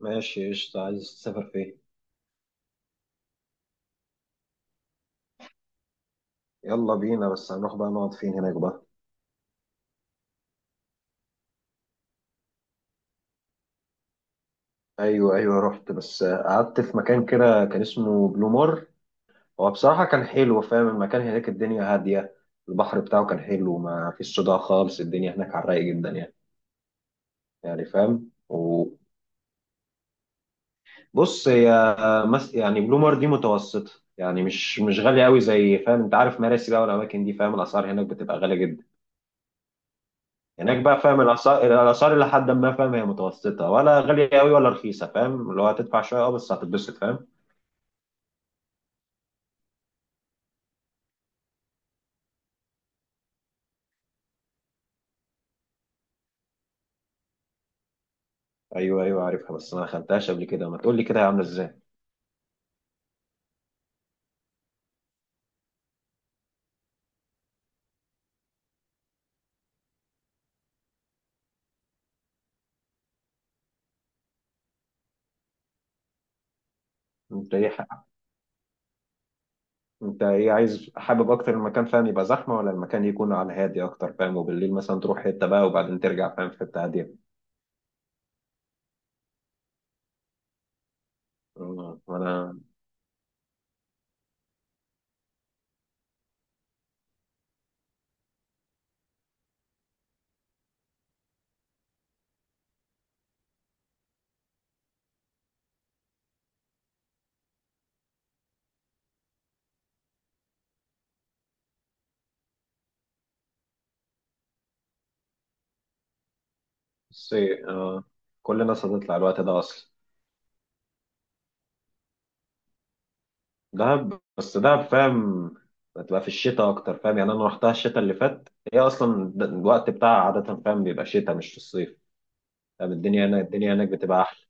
ماشي، قشطة. عايز تسافر فين؟ يلا بينا، بس هنروح بقى نقعد فين هناك بقى؟ ايوه، ايوه، رحت، بس قعدت في مكان كده كان اسمه بلومار. هو بصراحة كان حلو، فاهم؟ المكان هناك الدنيا هادية، البحر بتاعه كان حلو، ما فيش صداع خالص، الدنيا هناك على الرايق جدا، يعني يعني فاهم؟ وبص، هي يعني بلومار دي متوسطة، يعني مش غالية قوي زي، فاهم؟ انت عارف مراسي بقى والاماكن دي، فاهم؟ الاسعار هناك بتبقى غالية جدا. هناك بقى، فاهم؟ الاسعار الى حد ما، فاهم؟ هي متوسطه ولا غاليه قوي ولا رخيصه، فاهم؟ اللي هو هتدفع شويه، اه، بس هتتبسط، فاهم؟ ايوه، ايوه، عارفها، بس انا ما دخلتهاش قبل كده. ما تقول لي كده هي عامله ازاي؟ انت ايه ح- انت ايه عايز؟ حابب اكتر المكان، فاهم، يبقى زحمه، ولا المكان يكون على هادي اكتر، فاهم؟ وبالليل مثلا تروح حته بقى وبعدين ترجع، فاهم، في حته هاديه. وانا بصي، كل الناس هتطلع الوقت ده اصلا. دهب؟ بس دهب، فاهم، بتبقى في الشتاء اكتر، فاهم؟ يعني انا رحتها الشتاء اللي فات، هي اصلا الوقت بتاعها عاده، فاهم، بيبقى شتاء مش في الصيف، فاهم؟ الدنيا هناك بتبقى احلى.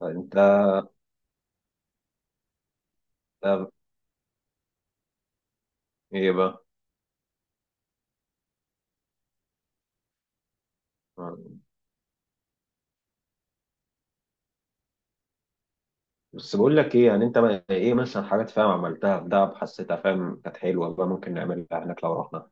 فانت دهب؟ ايه بقى؟ آه. بس بقول لك ايه، يعني انت ايه مثلا حاجات، فاهم، عملتها في دهب حسيتها، فاهم، كانت حلوه بقى ممكن نعملها هناك لو رحنا؟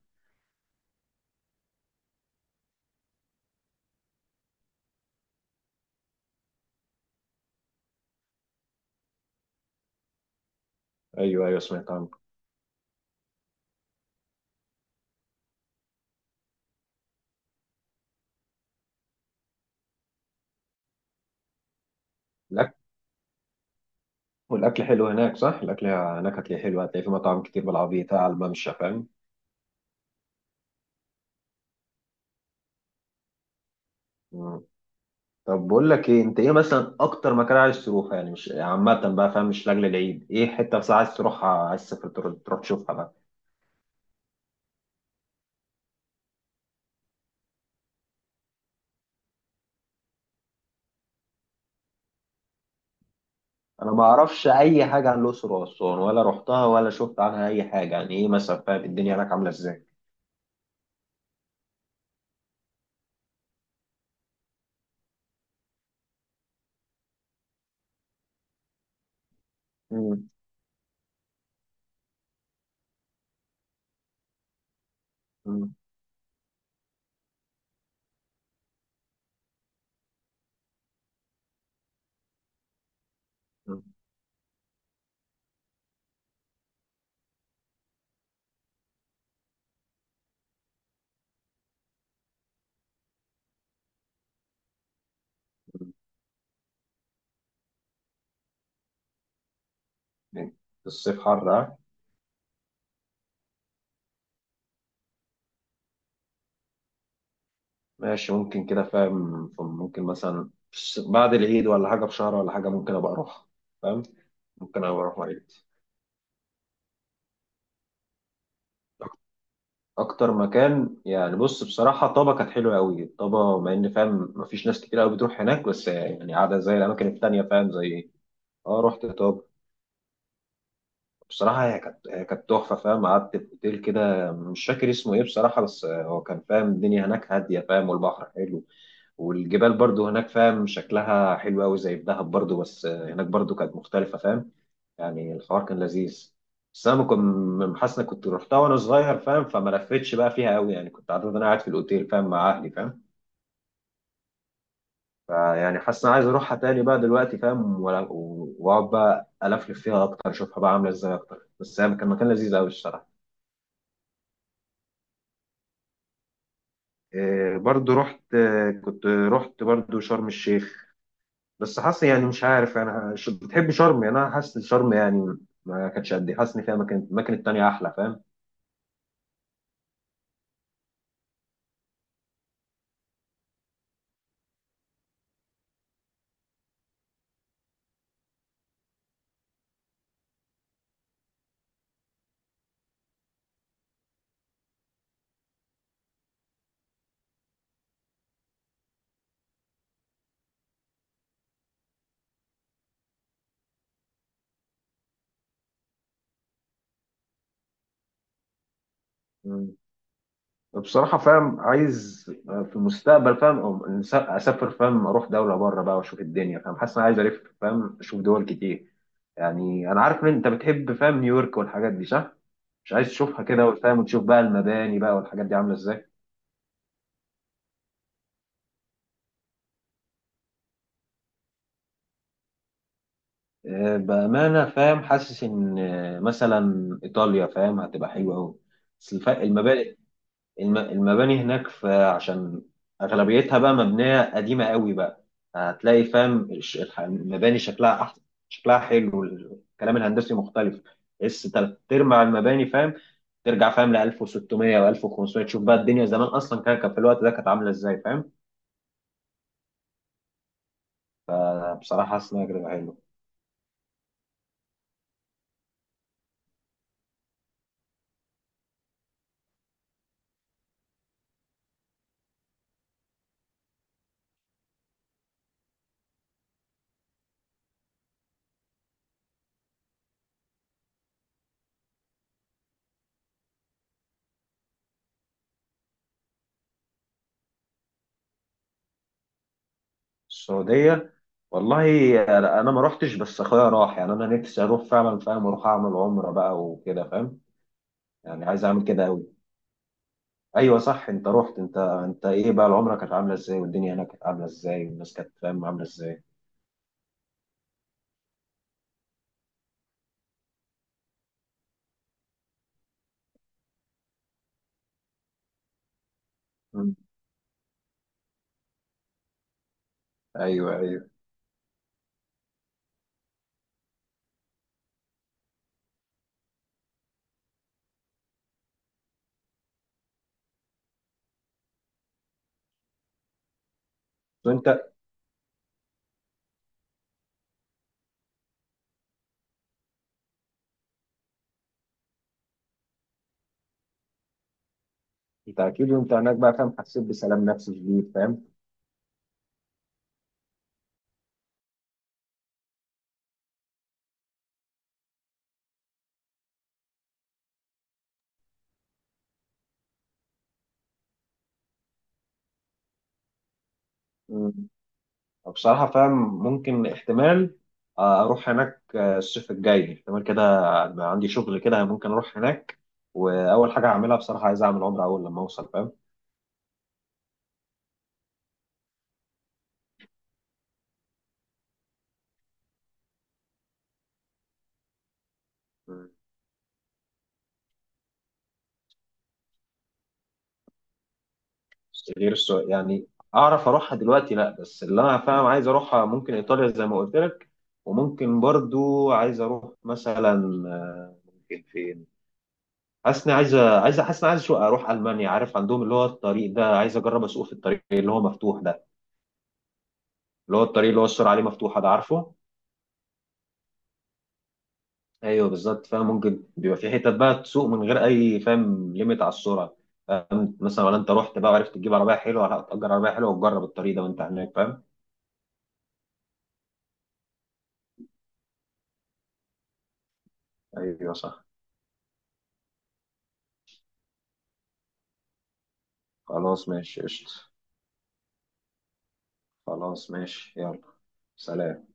ايوه، ايوه، سمعت عنه. الاكل، والاكل حلو هناك، صح؟ الاكل هناك هتلاقيه حلو، هتلاقي في مطاعم كتير بالعربيه على الممشى، فاهم؟ طب بقول لك ايه، انت ايه مثلا اكتر مكان عايز تروحه؟ يعني مش عامه بقى، فاهم، مش لاجل العيد. ايه حته بس عايز تروحها، عايز تسافر تروح تشوفها بقى؟ انا ما اعرفش اي حاجه عن الاقصر واسوان، ولا رحتها ولا شفت عنها اي حاجه. يعني ايه مثلا، فاهم، الدنيا هناك عامله ازاي؟ مم. مم. مم. مم. الصيف حر، ها. ماشي، ممكن كده، فاهم، ممكن مثلا بعد العيد ولا حاجه، بشهر ولا حاجه، ممكن ابقى اروح، فاهم. ممكن ابقى اروح مع عيلتي. اكتر مكان، يعني بص، بصراحه طابا كانت حلوه قوي. طابا، مع ان فاهم مفيش ناس كتير قوي بتروح هناك، بس يعني قاعده زي الاماكن التانيه، فاهم، زي ايه. اه، رحت طابا. بصراحه هي كانت، هي كانت تحفه، فاهم. قعدت في اوتيل كده، مش فاكر اسمه ايه بصراحه، بس هو كان، فاهم، الدنيا هناك هاديه، فاهم، والبحر حلو، والجبال برضو هناك، فاهم، شكلها حلو قوي زي في دهب برضو، بس هناك برضو كانت مختلفة، فاهم. يعني الحوار كان لذيذ. بس انا كنت حاسس إني كنت رحتها وانا صغير، فاهم، فما لفتش بقى فيها قوي، يعني كنت عارف إن انا قاعد في الاوتيل، فاهم، مع اهلي، فاهم. فيعني حاسس إني عايز اروحها تاني بقى دلوقتي، فاهم، واقعد بقى الفلف فيها اكتر، اشوفها بقى عامله ازاي اكتر. بس هي كان مكان لذيذ قوي الصراحه. إيه، برضو رحت، كنت رحت برضو شرم الشيخ. بس حاسس، يعني مش عارف، انا بتحب شرم؟ يعني انا حاسس شرم يعني ما كانتش قد ايه. حاسس ان فيها مكان، الاماكن التانية احلى، فاهم. مم. بصراحة فاهم عايز في المستقبل، فاهم، اسافر، فاهم، اروح دولة بره بقى واشوف الدنيا، فاهم. حاسس ان انا عايز الف، فاهم، اشوف دول كتير. يعني انا عارف ان انت بتحب، فاهم، نيويورك والحاجات دي، صح؟ مش عايز تشوفها كده، وفاهم، وتشوف بقى المباني بقى والحاجات دي عاملة ازاي؟ بأمانة، فاهم، حاسس إن مثلا إيطاليا، فاهم، هتبقى حلوة أوي. بس المباني، المباني هناك، في عشان اغلبيتها بقى مبنيه قديمه قوي بقى، هتلاقي، فاهم، المباني شكلها احسن، شكلها حلو، الكلام الهندسي مختلف. اس تلات ارباع المباني، فاهم، ترجع، فاهم، ل 1600 و1500، تشوف بقى الدنيا زمان اصلا كان في الوقت ده كانت عامله ازاي، فاهم. بصراحه حاسس انها تجربه حلوه. السعوديه؟ والله انا ما روحتش، بس اخويا راح. يعني انا نفسي اروح فعلا، فاهم، اروح اعمل عمره بقى وكده، فاهم. يعني عايز اعمل كده قوي. ايوه صح، انت رحت. انت، انت ايه بقى العمره كانت عامله ازاي، والدنيا هناك كانت عامله ازاي، والناس كانت، فاهم، عامله ازاي؟ مم. ايوه، ايوه. وانت، انت اكيد وانت هناك بقى، فاهم، حسيت بسلام نفسي شديد، فاهم. مم. بصراحه فاهم ممكن احتمال اروح هناك، الصيف الجاي احتمال كده، بقى عندي شغل كده ممكن اروح هناك. واول حاجه هعملها بصراحه، عايز اعمل عمره اول لما اوصل، فاهم. غير السعودية؟ يعني اعرف اروحها دلوقتي، لا، بس اللي انا، فاهم، عايز اروحها ممكن ايطاليا زي ما قلت لك، وممكن برضو عايز اروح مثلا، ممكن فين. حاسس اني عايز، حاسس اني عايز اروح المانيا. عارف عندهم اللي هو الطريق ده، عايز اجرب اسوق في الطريق اللي هو مفتوح ده، اللي هو الطريق اللي هو السرعه عليه مفتوحه ده، عارفه؟ ايوه بالظبط، فاهم، ممكن بيبقى في حتت بقى تسوق من غير اي، فاهم، ليميت على السرعه، فاهم. مثلا، ولا انت رحت بقى وعرفت تجيب عربيه حلوه، لا تأجر عربيه حلوه وتجرب الطريق ده وانت هناك، فاهم. ايوه صح. خلاص، ماشي، قشطة. خلاص، ماشي، يلا. سلام.